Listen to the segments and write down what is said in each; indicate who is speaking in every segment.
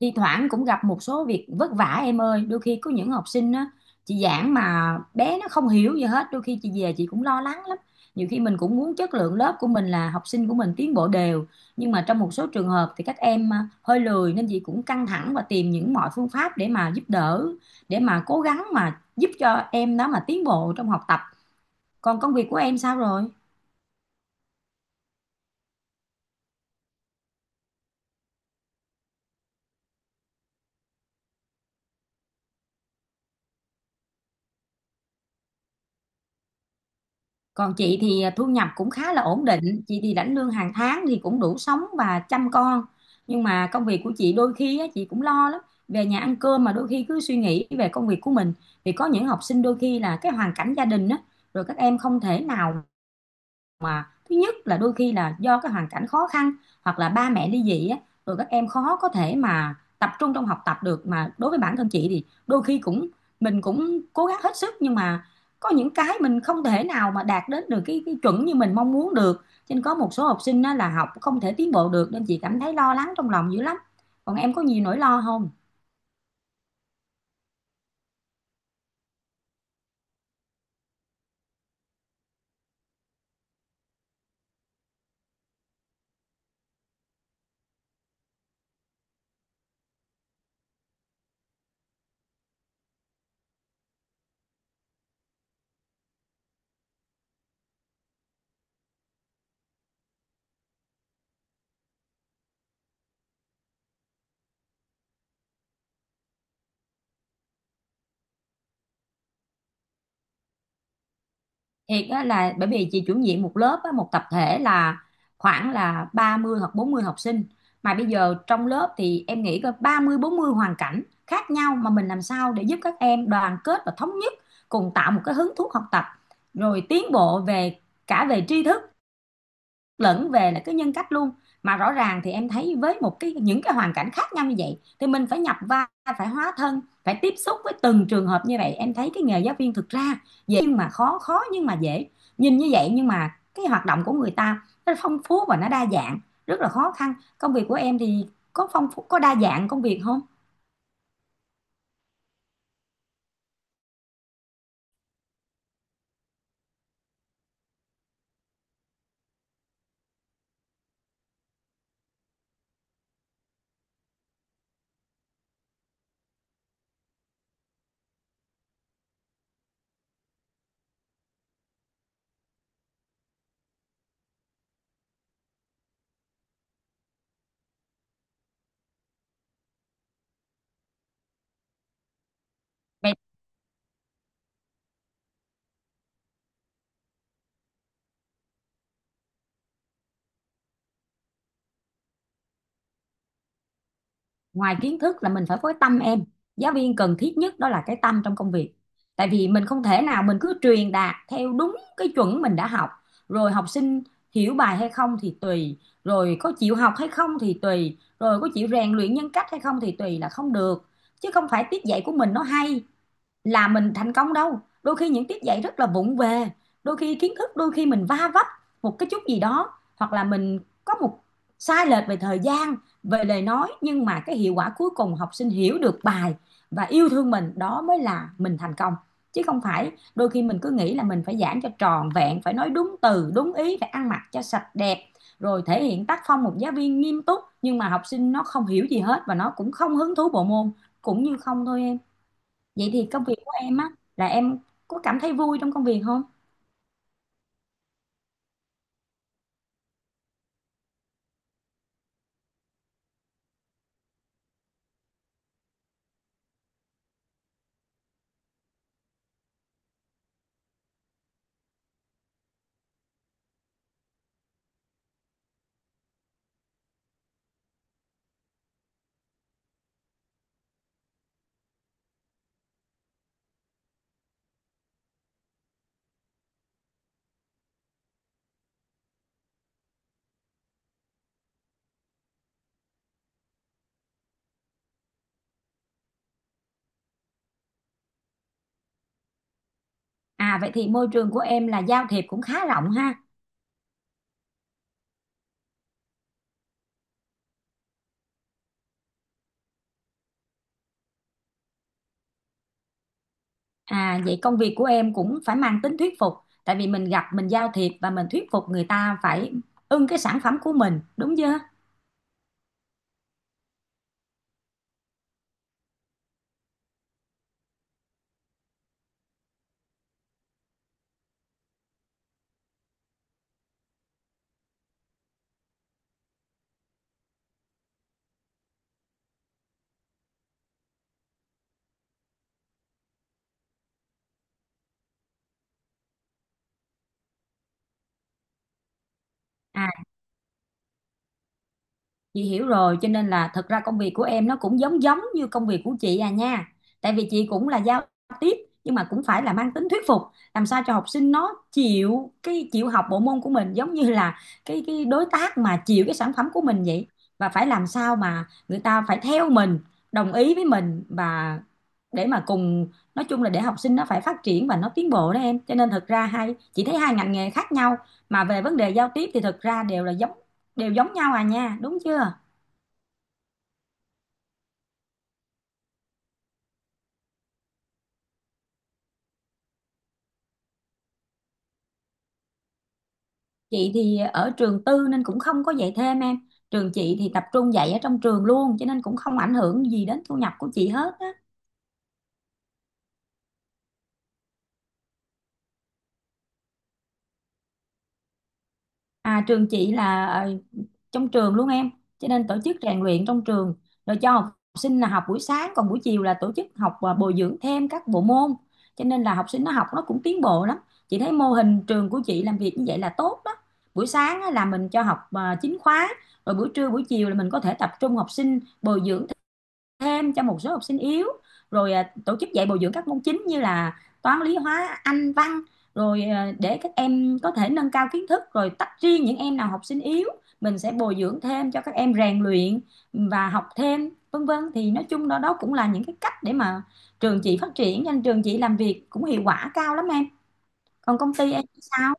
Speaker 1: Thi thoảng cũng gặp một số việc vất vả em ơi. Đôi khi có những học sinh á, chị giảng mà bé nó không hiểu gì hết, đôi khi chị về chị cũng lo lắng lắm. Nhiều khi mình cũng muốn chất lượng lớp của mình là học sinh của mình tiến bộ đều, nhưng mà trong một số trường hợp thì các em hơi lười nên chị cũng căng thẳng và tìm những mọi phương pháp để mà giúp đỡ, để mà cố gắng mà giúp cho em đó mà tiến bộ trong học tập. Còn công việc của em sao rồi? Còn chị thì thu nhập cũng khá là ổn định, chị thì lãnh lương hàng tháng thì cũng đủ sống và chăm con. Nhưng mà công việc của chị đôi khi á, chị cũng lo lắm. Về nhà ăn cơm mà đôi khi cứ suy nghĩ về công việc của mình. Vì có những học sinh đôi khi là cái hoàn cảnh gia đình á, rồi các em không thể nào, mà thứ nhất là đôi khi là do cái hoàn cảnh khó khăn hoặc là ba mẹ ly dị á, rồi các em khó có thể mà tập trung trong học tập được. Mà đối với bản thân chị thì đôi khi cũng mình cũng cố gắng hết sức, nhưng mà có những cái mình không thể nào mà đạt đến được cái chuẩn như mình mong muốn được, cho nên có một số học sinh á, là học không thể tiến bộ được nên chị cảm thấy lo lắng trong lòng dữ lắm. Còn em có nhiều nỗi lo không? Thiệt á, là bởi vì chị chủ nhiệm một lớp á, một tập thể là khoảng là 30 hoặc 40 học sinh, mà bây giờ trong lớp thì em nghĩ có 30 40 hoàn cảnh khác nhau, mà mình làm sao để giúp các em đoàn kết và thống nhất, cùng tạo một cái hứng thú học tập, rồi tiến bộ về cả về tri thức lẫn về là cái nhân cách luôn. Mà rõ ràng thì em thấy với một cái những cái hoàn cảnh khác nhau như vậy thì mình phải nhập vai, phải hóa thân, phải tiếp xúc với từng trường hợp như vậy. Em thấy cái nghề giáo viên thực ra dễ nhưng mà khó, khó nhưng mà dễ, nhìn như vậy nhưng mà cái hoạt động của người ta nó phong phú và nó đa dạng, rất là khó khăn. Công việc của em thì có phong phú, có đa dạng công việc không? Vậy ngoài kiến thức là mình phải có cái tâm em. Giáo viên cần thiết nhất đó là cái tâm trong công việc. Tại vì mình không thể nào mình cứ truyền đạt theo đúng cái chuẩn mình đã học, rồi học sinh hiểu bài hay không thì tùy, rồi có chịu học hay không thì tùy, rồi có chịu rèn luyện nhân cách hay không thì tùy là không được. Chứ không phải tiết dạy của mình nó hay là mình thành công đâu. Đôi khi những tiết dạy rất là vụng về, đôi khi kiến thức đôi khi mình va vấp một cái chút gì đó, hoặc là mình có một sai lệch về thời gian, về lời nói, nhưng mà cái hiệu quả cuối cùng học sinh hiểu được bài và yêu thương mình, đó mới là mình thành công. Chứ không phải đôi khi mình cứ nghĩ là mình phải giảng cho tròn vẹn, phải nói đúng từ đúng ý, phải ăn mặc cho sạch đẹp, rồi thể hiện tác phong một giáo viên nghiêm túc, nhưng mà học sinh nó không hiểu gì hết và nó cũng không hứng thú bộ môn, cũng như không thôi em. Vậy thì công việc của em á, là em có cảm thấy vui trong công việc không? À vậy thì môi trường của em là giao thiệp cũng khá rộng ha. À vậy công việc của em cũng phải mang tính thuyết phục, tại vì mình gặp mình giao thiệp và mình thuyết phục người ta phải ưng cái sản phẩm của mình, đúng chưa? À, chị hiểu rồi, cho nên là thật ra công việc của em nó cũng giống giống như công việc của chị à nha. Tại vì chị cũng là giao tiếp, nhưng mà cũng phải là mang tính thuyết phục, làm sao cho học sinh nó chịu cái chịu học bộ môn của mình, giống như là cái đối tác mà chịu cái sản phẩm của mình vậy. Và phải làm sao mà người ta phải theo mình, đồng ý với mình và để mà cùng, nói chung là để học sinh nó phải phát triển và nó tiến bộ đó em. Cho nên thật ra hai chị thấy hai ngành nghề khác nhau mà về vấn đề giao tiếp thì thật ra đều là giống, đều giống nhau à nha, đúng chưa? Chị thì ở trường tư nên cũng không có dạy thêm em. Trường chị thì tập trung dạy ở trong trường luôn, cho nên cũng không ảnh hưởng gì đến thu nhập của chị hết á. À trường chị là trong trường luôn em, cho nên tổ chức rèn luyện trong trường, rồi cho học sinh là học buổi sáng, còn buổi chiều là tổ chức học và bồi dưỡng thêm các bộ môn, cho nên là học sinh nó học nó cũng tiến bộ lắm. Chị thấy mô hình trường của chị làm việc như vậy là tốt đó. Buổi sáng á là mình cho học chính khóa, rồi buổi trưa buổi chiều là mình có thể tập trung học sinh bồi dưỡng thêm cho một số học sinh yếu, rồi tổ chức dạy bồi dưỡng các môn chính như là toán lý hóa anh văn, rồi để các em có thể nâng cao kiến thức, rồi tách riêng những em nào học sinh yếu mình sẽ bồi dưỡng thêm cho các em rèn luyện và học thêm vân vân. Thì nói chung đó đó cũng là những cái cách để mà trường chị phát triển, nên trường chị làm việc cũng hiệu quả cao lắm em. Còn công ty em sao?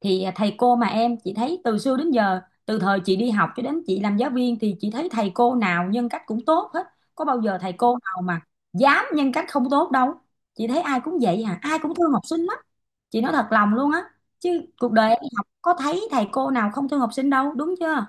Speaker 1: Thì thầy cô mà em, chị thấy từ xưa đến giờ, từ thời chị đi học cho đến chị làm giáo viên, thì chị thấy thầy cô nào nhân cách cũng tốt hết. Có bao giờ thầy cô nào mà dám nhân cách không tốt đâu. Chị thấy ai cũng vậy à, ai cũng thương học sinh lắm. Chị nói thật lòng luôn á, chứ cuộc đời em đi học có thấy thầy cô nào không thương học sinh đâu, đúng chưa?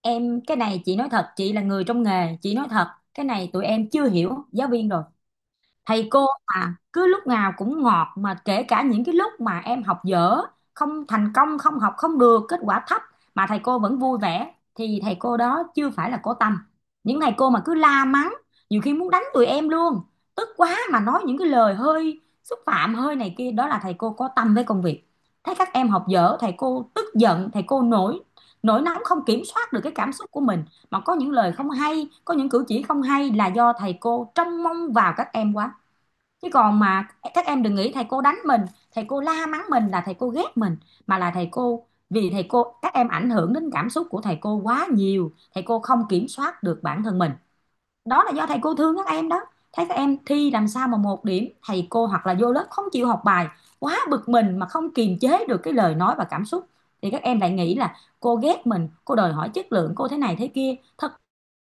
Speaker 1: Em, cái này chị nói thật, chị là người trong nghề chị nói thật, cái này tụi em chưa hiểu giáo viên rồi. Thầy cô mà cứ lúc nào cũng ngọt, mà kể cả những cái lúc mà em học dở, không thành công, không học không được, kết quả thấp mà thầy cô vẫn vui vẻ thì thầy cô đó chưa phải là có tâm. Những thầy cô mà cứ la mắng, nhiều khi muốn đánh tụi em luôn, tức quá mà nói những cái lời hơi xúc phạm hơi này kia, đó là thầy cô có tâm với công việc. Thấy các em học dở thầy cô tức giận, thầy cô nổi nổi nóng không kiểm soát được cái cảm xúc của mình, mà có những lời không hay, có những cử chỉ không hay, là do thầy cô trông mong vào các em quá. Chứ còn mà các em đừng nghĩ thầy cô đánh mình, thầy cô la mắng mình là thầy cô ghét mình, mà là thầy cô vì thầy cô, các em ảnh hưởng đến cảm xúc của thầy cô quá nhiều, thầy cô không kiểm soát được bản thân mình, đó là do thầy cô thương các em đó. Thấy các em thi làm sao mà 1 điểm, thầy cô hoặc là vô lớp không chịu học bài, quá bực mình mà không kiềm chế được cái lời nói và cảm xúc, thì các em lại nghĩ là cô ghét mình, cô đòi hỏi chất lượng, cô thế này thế kia. Thật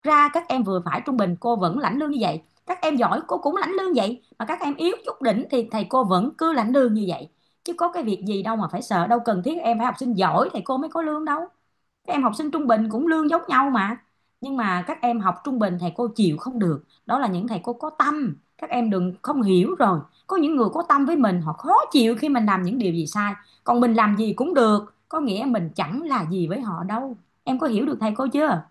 Speaker 1: ra các em vừa phải trung bình cô vẫn lãnh lương như vậy, các em giỏi cô cũng lãnh lương vậy, mà các em yếu chút đỉnh thì thầy cô vẫn cứ lãnh lương như vậy, chứ có cái việc gì đâu mà phải sợ. Đâu cần thiết em phải học sinh giỏi thầy cô mới có lương đâu, các em học sinh trung bình cũng lương giống nhau mà. Nhưng mà các em học trung bình thầy cô chịu không được, đó là những thầy cô có tâm, các em đừng không hiểu rồi. Có những người có tâm với mình họ khó chịu khi mình làm những điều gì sai, còn mình làm gì cũng được có nghĩa mình chẳng là gì với họ đâu. Em có hiểu được thầy cô chưa?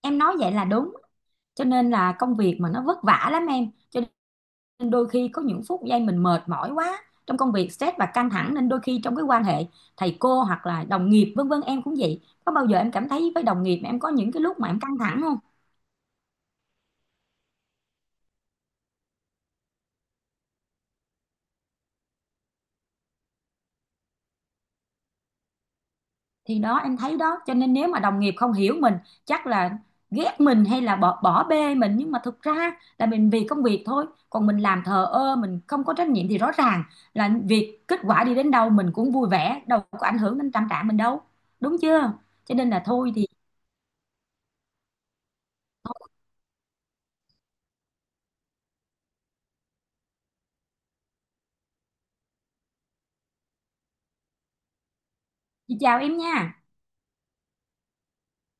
Speaker 1: Em nói vậy là đúng, cho nên là công việc mà nó vất vả lắm em, cho nên đôi khi có những phút giây mình mệt mỏi quá trong công việc, stress và căng thẳng, nên đôi khi trong cái quan hệ thầy cô hoặc là đồng nghiệp vân vân, em cũng vậy, có bao giờ em cảm thấy với đồng nghiệp mà em có những cái lúc mà em căng thẳng không? Thì đó em thấy đó, cho nên nếu mà đồng nghiệp không hiểu mình chắc là ghét mình hay là bỏ bỏ bê mình, nhưng mà thực ra là mình vì công việc thôi, còn mình làm thờ ơ, mình không có trách nhiệm thì rõ ràng là việc kết quả đi đến đâu mình cũng vui vẻ, đâu có ảnh hưởng đến tâm trạng mình đâu, đúng chưa? Cho nên là thôi thì thôi, chị chào em nha.